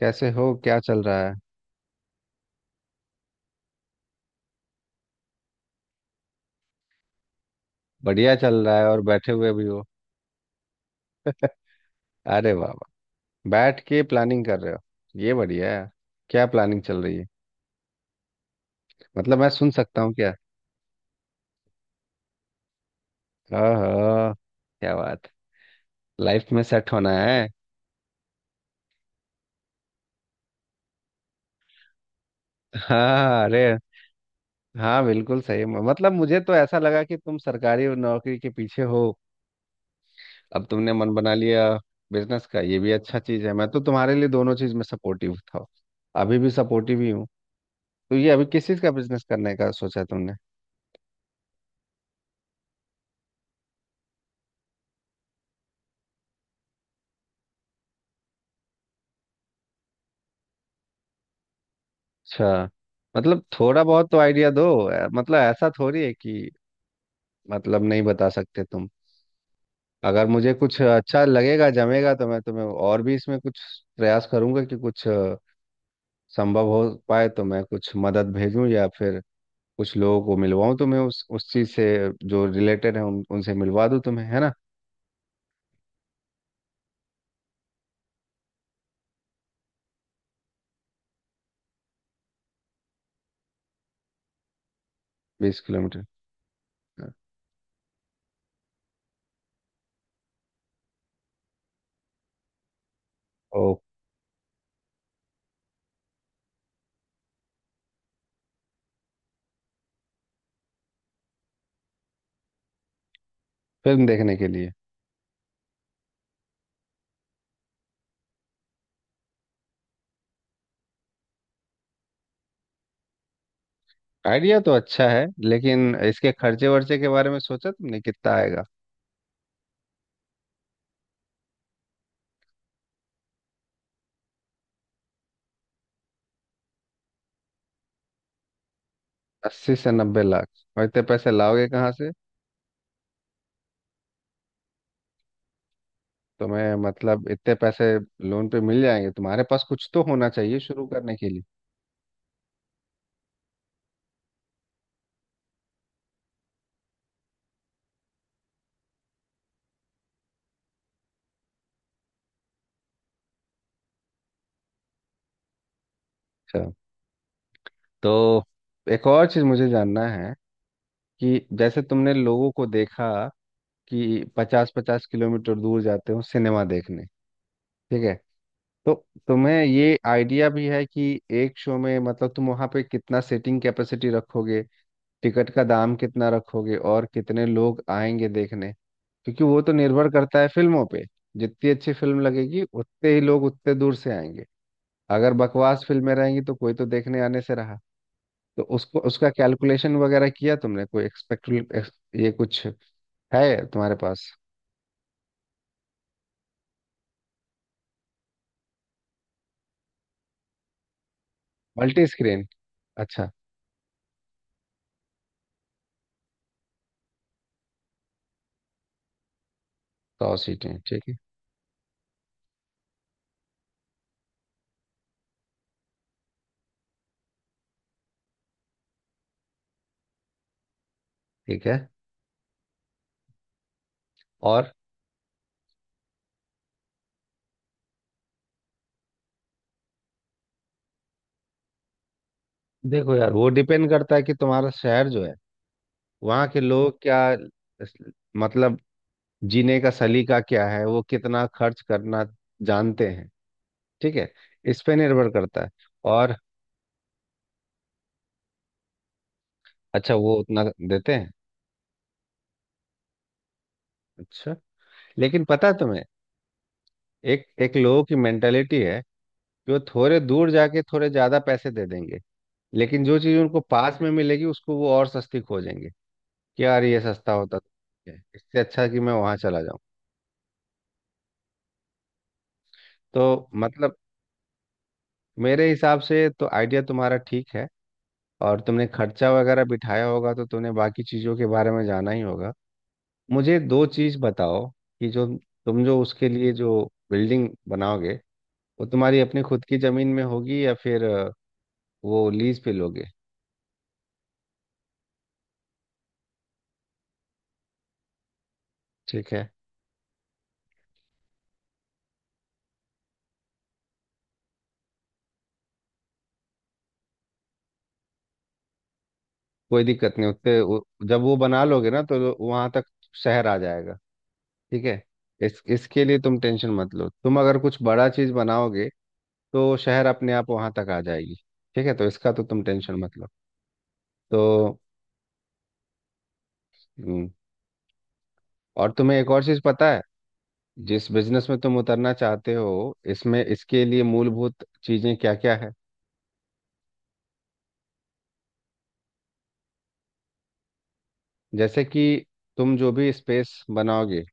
कैसे हो? क्या चल रहा है? बढ़िया चल रहा है और बैठे हुए भी हो। अरे वाह वाह, बैठ के प्लानिंग कर रहे हो, ये बढ़िया है। क्या प्लानिंग चल रही है? मतलब मैं सुन सकता हूँ क्या? हाँ हाँ। क्या बात, लाइफ में सेट होना है। हाँ अरे हाँ बिल्कुल सही। मतलब मुझे तो ऐसा लगा कि तुम सरकारी नौकरी के पीछे हो, अब तुमने मन बना लिया। बिजनेस का ये भी अच्छा चीज़ है, मैं तो तुम्हारे लिए दोनों चीज़ में सपोर्टिव था, अभी भी सपोर्टिव ही हूँ। तो ये अभी किस चीज़ का बिजनेस करने का सोचा तुमने? अच्छा, मतलब थोड़ा बहुत तो आइडिया दो। मतलब ऐसा थोड़ी है कि मतलब नहीं बता सकते तुम। अगर मुझे कुछ अच्छा लगेगा, जमेगा, तो मैं तुम्हें और भी इसमें कुछ प्रयास करूंगा कि कुछ संभव हो पाए तो मैं कुछ मदद भेजूं या फिर कुछ लोगों को मिलवाऊं तुम्हें। उस चीज से जो रिलेटेड है उनसे मिलवा दूं तुम्हें, है ना। 20 किलोमीटर? हाँ। ओ, फिल्म देखने के लिए। आइडिया तो अच्छा है, लेकिन इसके खर्चे वर्चे के बारे में सोचा तुमने, कितना आएगा? 80 से 90 लाख? और इतने पैसे लाओगे कहाँ से? तुम्हें मतलब इतने पैसे लोन पे मिल जाएंगे? तुम्हारे पास कुछ तो होना चाहिए शुरू करने के लिए। अच्छा। तो एक और चीज़ मुझे जानना है कि जैसे तुमने लोगों को देखा कि 50-50 किलोमीटर दूर जाते हो सिनेमा देखने, ठीक है? तो तुम्हें ये आइडिया भी है कि एक शो में मतलब तुम वहाँ पे कितना सीटिंग कैपेसिटी रखोगे, टिकट का दाम कितना रखोगे और कितने लोग आएंगे देखने? क्योंकि वो तो निर्भर करता है फिल्मों पे। जितनी अच्छी फिल्म लगेगी उतने ही लोग उतने दूर से आएंगे। अगर बकवास फिल्में रहेंगी तो कोई तो देखने आने से रहा। तो उसको, उसका कैलकुलेशन वगैरह किया तुमने? कोई एक्सपेक्ट, ये कुछ है तुम्हारे पास? मल्टी स्क्रीन, अच्छा। 100 सीटें, ठीक है। ठीक है। और देखो यार, वो डिपेंड करता है कि तुम्हारा शहर जो है वहाँ के लोग क्या मतलब जीने का सलीका क्या है, वो कितना खर्च करना जानते हैं। ठीक है, इस पे निर्भर करता है। और अच्छा, वो उतना देते हैं? अच्छा। लेकिन पता है तुम्हें, एक एक लोगों की मेंटेलिटी है कि वो थोड़े दूर जाके थोड़े ज्यादा पैसे दे देंगे, लेकिन जो चीज उनको पास में मिलेगी उसको वो और सस्ती खोजेंगे कि यार ये सस्ता होता तो है, इससे अच्छा कि मैं वहां चला जाऊं। तो मतलब मेरे हिसाब से तो आइडिया तुम्हारा ठीक है, और तुमने खर्चा वगैरह बिठाया होगा तो तुमने बाकी चीजों के बारे में जाना ही होगा। मुझे दो चीज बताओ कि जो तुम, जो उसके लिए जो बिल्डिंग बनाओगे वो तुम्हारी अपनी खुद की जमीन में होगी या फिर वो लीज पे लोगे? ठीक है, कोई दिक्कत नहीं। उतने जब वो बना लोगे ना तो वहां तक शहर आ जाएगा। ठीक है, इस इसके लिए तुम टेंशन मत लो। तुम अगर कुछ बड़ा चीज बनाओगे तो शहर अपने आप वहां तक आ जाएगी। ठीक है, तो इसका तो तुम टेंशन मत लो। तो हम्म, और तुम्हें एक और चीज पता है, जिस बिजनेस में तुम उतरना चाहते हो इसमें, इसके लिए मूलभूत चीजें क्या क्या है? जैसे कि तुम जो भी स्पेस बनाओगे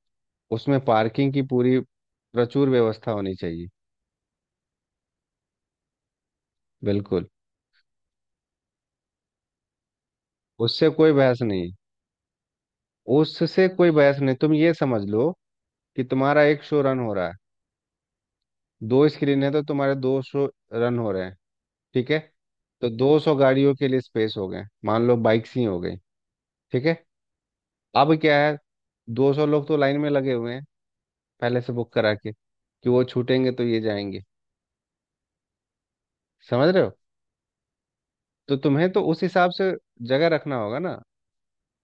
उसमें पार्किंग की पूरी प्रचुर व्यवस्था होनी चाहिए। बिल्कुल। उससे कोई बहस नहीं। उससे कोई बहस नहीं, तुम ये समझ लो कि तुम्हारा एक शो रन हो रहा है, दो स्क्रीन है तो तुम्हारे दो शो रन हो रहे हैं। ठीक है, तो 200 गाड़ियों के लिए स्पेस हो गए, मान लो बाइक्स ही हो गई। ठीक है, अब क्या है, 200 लोग तो लाइन में लगे हुए हैं पहले से बुक करा के, कि वो छूटेंगे तो ये जाएंगे। समझ रहे हो? तो तुम्हें तो उस हिसाब से जगह रखना होगा ना।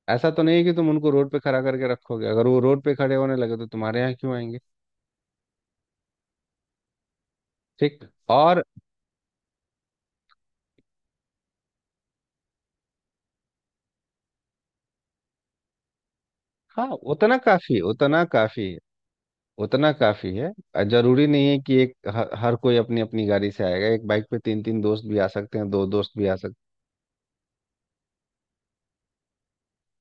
ऐसा तो नहीं है कि तुम उनको रोड पे खड़ा करके रखोगे, अगर वो रोड पे खड़े होने लगे तो तुम्हारे यहाँ क्यों आएंगे? ठीक। और हाँ उतना काफी है, उतना काफी है, उतना काफी है। जरूरी नहीं है कि हर कोई अपनी अपनी गाड़ी से आएगा। एक बाइक पे तीन तीन दोस्त भी आ सकते हैं, दो दोस्त भी आ सकते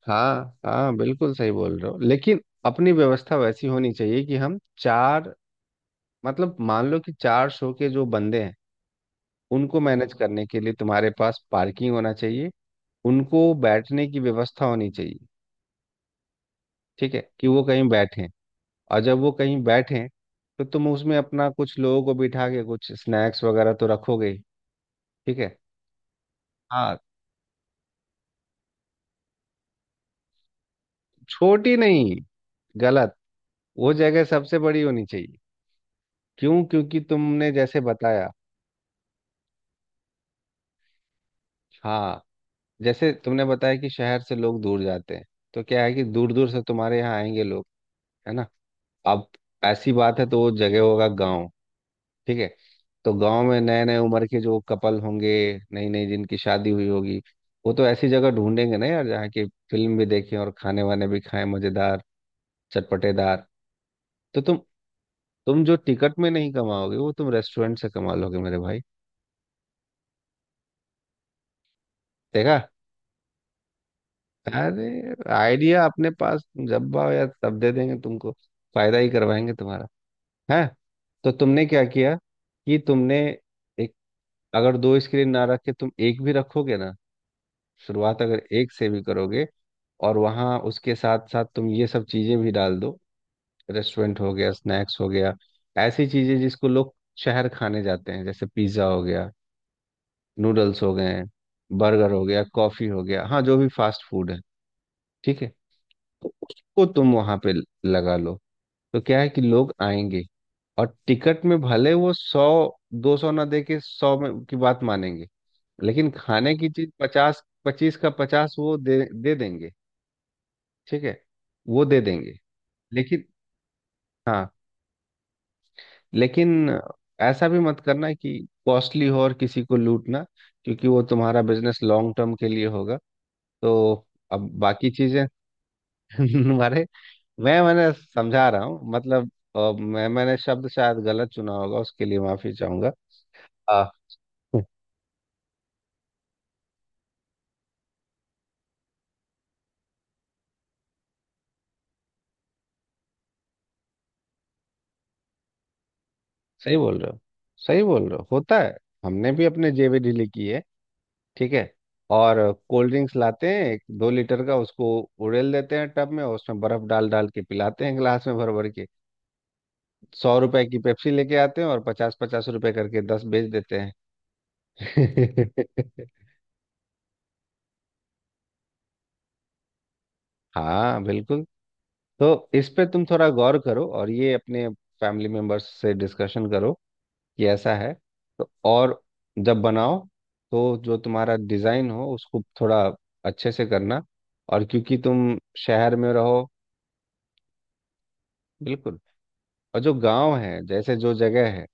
हैं। हाँ हाँ बिल्कुल सही बोल रहे हो, लेकिन अपनी व्यवस्था वैसी होनी चाहिए कि हम चार, मतलब मान लो कि 400 के जो बंदे हैं उनको मैनेज करने के लिए तुम्हारे पास पार्किंग होना चाहिए, उनको बैठने की व्यवस्था होनी चाहिए। ठीक है, कि वो कहीं बैठें, और जब वो कहीं बैठें तो तुम उसमें अपना कुछ लोगों को बिठा के कुछ स्नैक्स वगैरह तो रखोगे ही, ठीक है। हाँ, छोटी नहीं, गलत, वो जगह सबसे बड़ी होनी चाहिए। क्यों? क्योंकि तुमने जैसे बताया, हाँ, जैसे तुमने बताया कि शहर से लोग दूर जाते हैं, तो क्या है कि दूर दूर से तुम्हारे यहाँ आएंगे लोग, है ना। अब ऐसी बात है तो वो जगह होगा गांव, ठीक है। तो गांव में नए नए उम्र के जो कपल होंगे, नई नई जिनकी शादी हुई होगी, वो तो ऐसी जगह ढूंढेंगे ना यार जहाँ की फिल्म भी देखें और खाने वाने भी खाएं, मजेदार, चटपटेदार। तो तुम जो टिकट में नहीं कमाओगे वो तुम रेस्टोरेंट से कमा लोगे मेरे भाई। देखा, अरे आइडिया अपने पास, जब आओ यार तब दे देंगे तुमको, फायदा ही करवाएंगे तुम्हारा है। तो तुमने क्या किया कि तुमने एक, अगर दो स्क्रीन ना रखे तुम, एक भी रखोगे ना, शुरुआत अगर एक से भी करोगे और वहाँ उसके साथ साथ तुम ये सब चीज़ें भी डाल दो, रेस्टोरेंट हो गया, स्नैक्स हो गया, ऐसी चीज़ें जिसको लोग शहर खाने जाते हैं, जैसे पिज़्ज़ा हो गया, नूडल्स हो गए, बर्गर हो गया, कॉफ़ी हो गया, हाँ जो भी फास्ट फूड है, ठीक है, तो उसको तुम वहाँ पे लगा लो। तो क्या है कि लोग आएंगे, और टिकट में भले वो 100, 200 ना दे के 100 में की बात मानेंगे, लेकिन खाने की चीज पचास पच्चीस का पचास वो दे दे देंगे। ठीक है, वो दे देंगे। लेकिन हाँ लेकिन ऐसा भी मत करना कि कॉस्टली हो और किसी को लूटना, क्योंकि वो तुम्हारा बिजनेस लॉन्ग टर्म के लिए होगा। तो अब बाकी चीजें, तुम्हारे, मैंने समझा रहा हूँ मतलब, मैंने शब्द शायद गलत चुना होगा, उसके लिए माफी चाहूंगा। आ, सही बोल रहे हो, सही बोल रहे हो, होता है। हमने भी अपने जेबी ढीली की है, ठीक है। और कोल्ड ड्रिंक्स लाते हैं एक दो लीटर का, उसको उड़ेल देते हैं टब में और उसमें बर्फ डाल डाल के पिलाते हैं गिलास में भर भर के। 100 रुपए की पेप्सी लेके आते हैं और 50-50 रुपए करके 10 बेच देते हैं। हाँ बिल्कुल। तो इस पे तुम थोड़ा गौर करो और ये अपने फैमिली मेंबर्स से डिस्कशन करो कि ऐसा है। तो और जब बनाओ तो जो तुम्हारा डिज़ाइन हो उसको थोड़ा अच्छे से करना। और क्योंकि तुम शहर में रहो, बिल्कुल, और जो गांव है जैसे जो जगह है,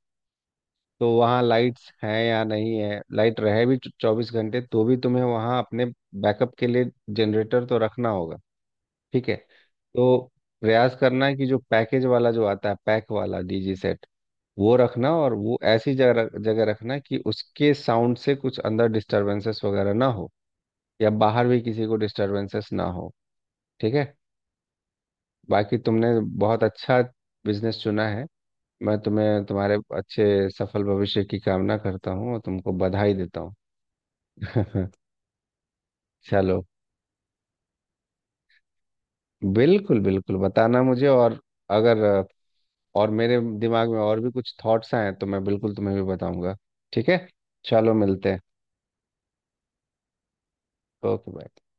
तो वहाँ लाइट्स हैं या नहीं है, लाइट रहे भी 24 घंटे तो भी तुम्हें वहाँ अपने बैकअप के लिए जनरेटर तो रखना होगा। ठीक है, तो प्रयास करना है कि जो पैकेज वाला जो आता है, पैक वाला डीजी सेट, वो रखना, और वो ऐसी जगह जगह रखना कि उसके साउंड से कुछ अंदर डिस्टरबेंसेस वगैरह ना हो या बाहर भी किसी को डिस्टरबेंसेस ना हो, ठीक है। बाकी तुमने बहुत अच्छा बिजनेस चुना है, मैं तुम्हें तुम्हारे अच्छे सफल भविष्य की कामना करता हूँ और तुमको बधाई देता हूँ। चलो, बिल्कुल बिल्कुल बताना मुझे, और अगर और मेरे दिमाग में और भी कुछ थॉट्स आए तो मैं बिल्कुल तुम्हें भी बताऊंगा, ठीक है। चलो मिलते हैं। Okay bye.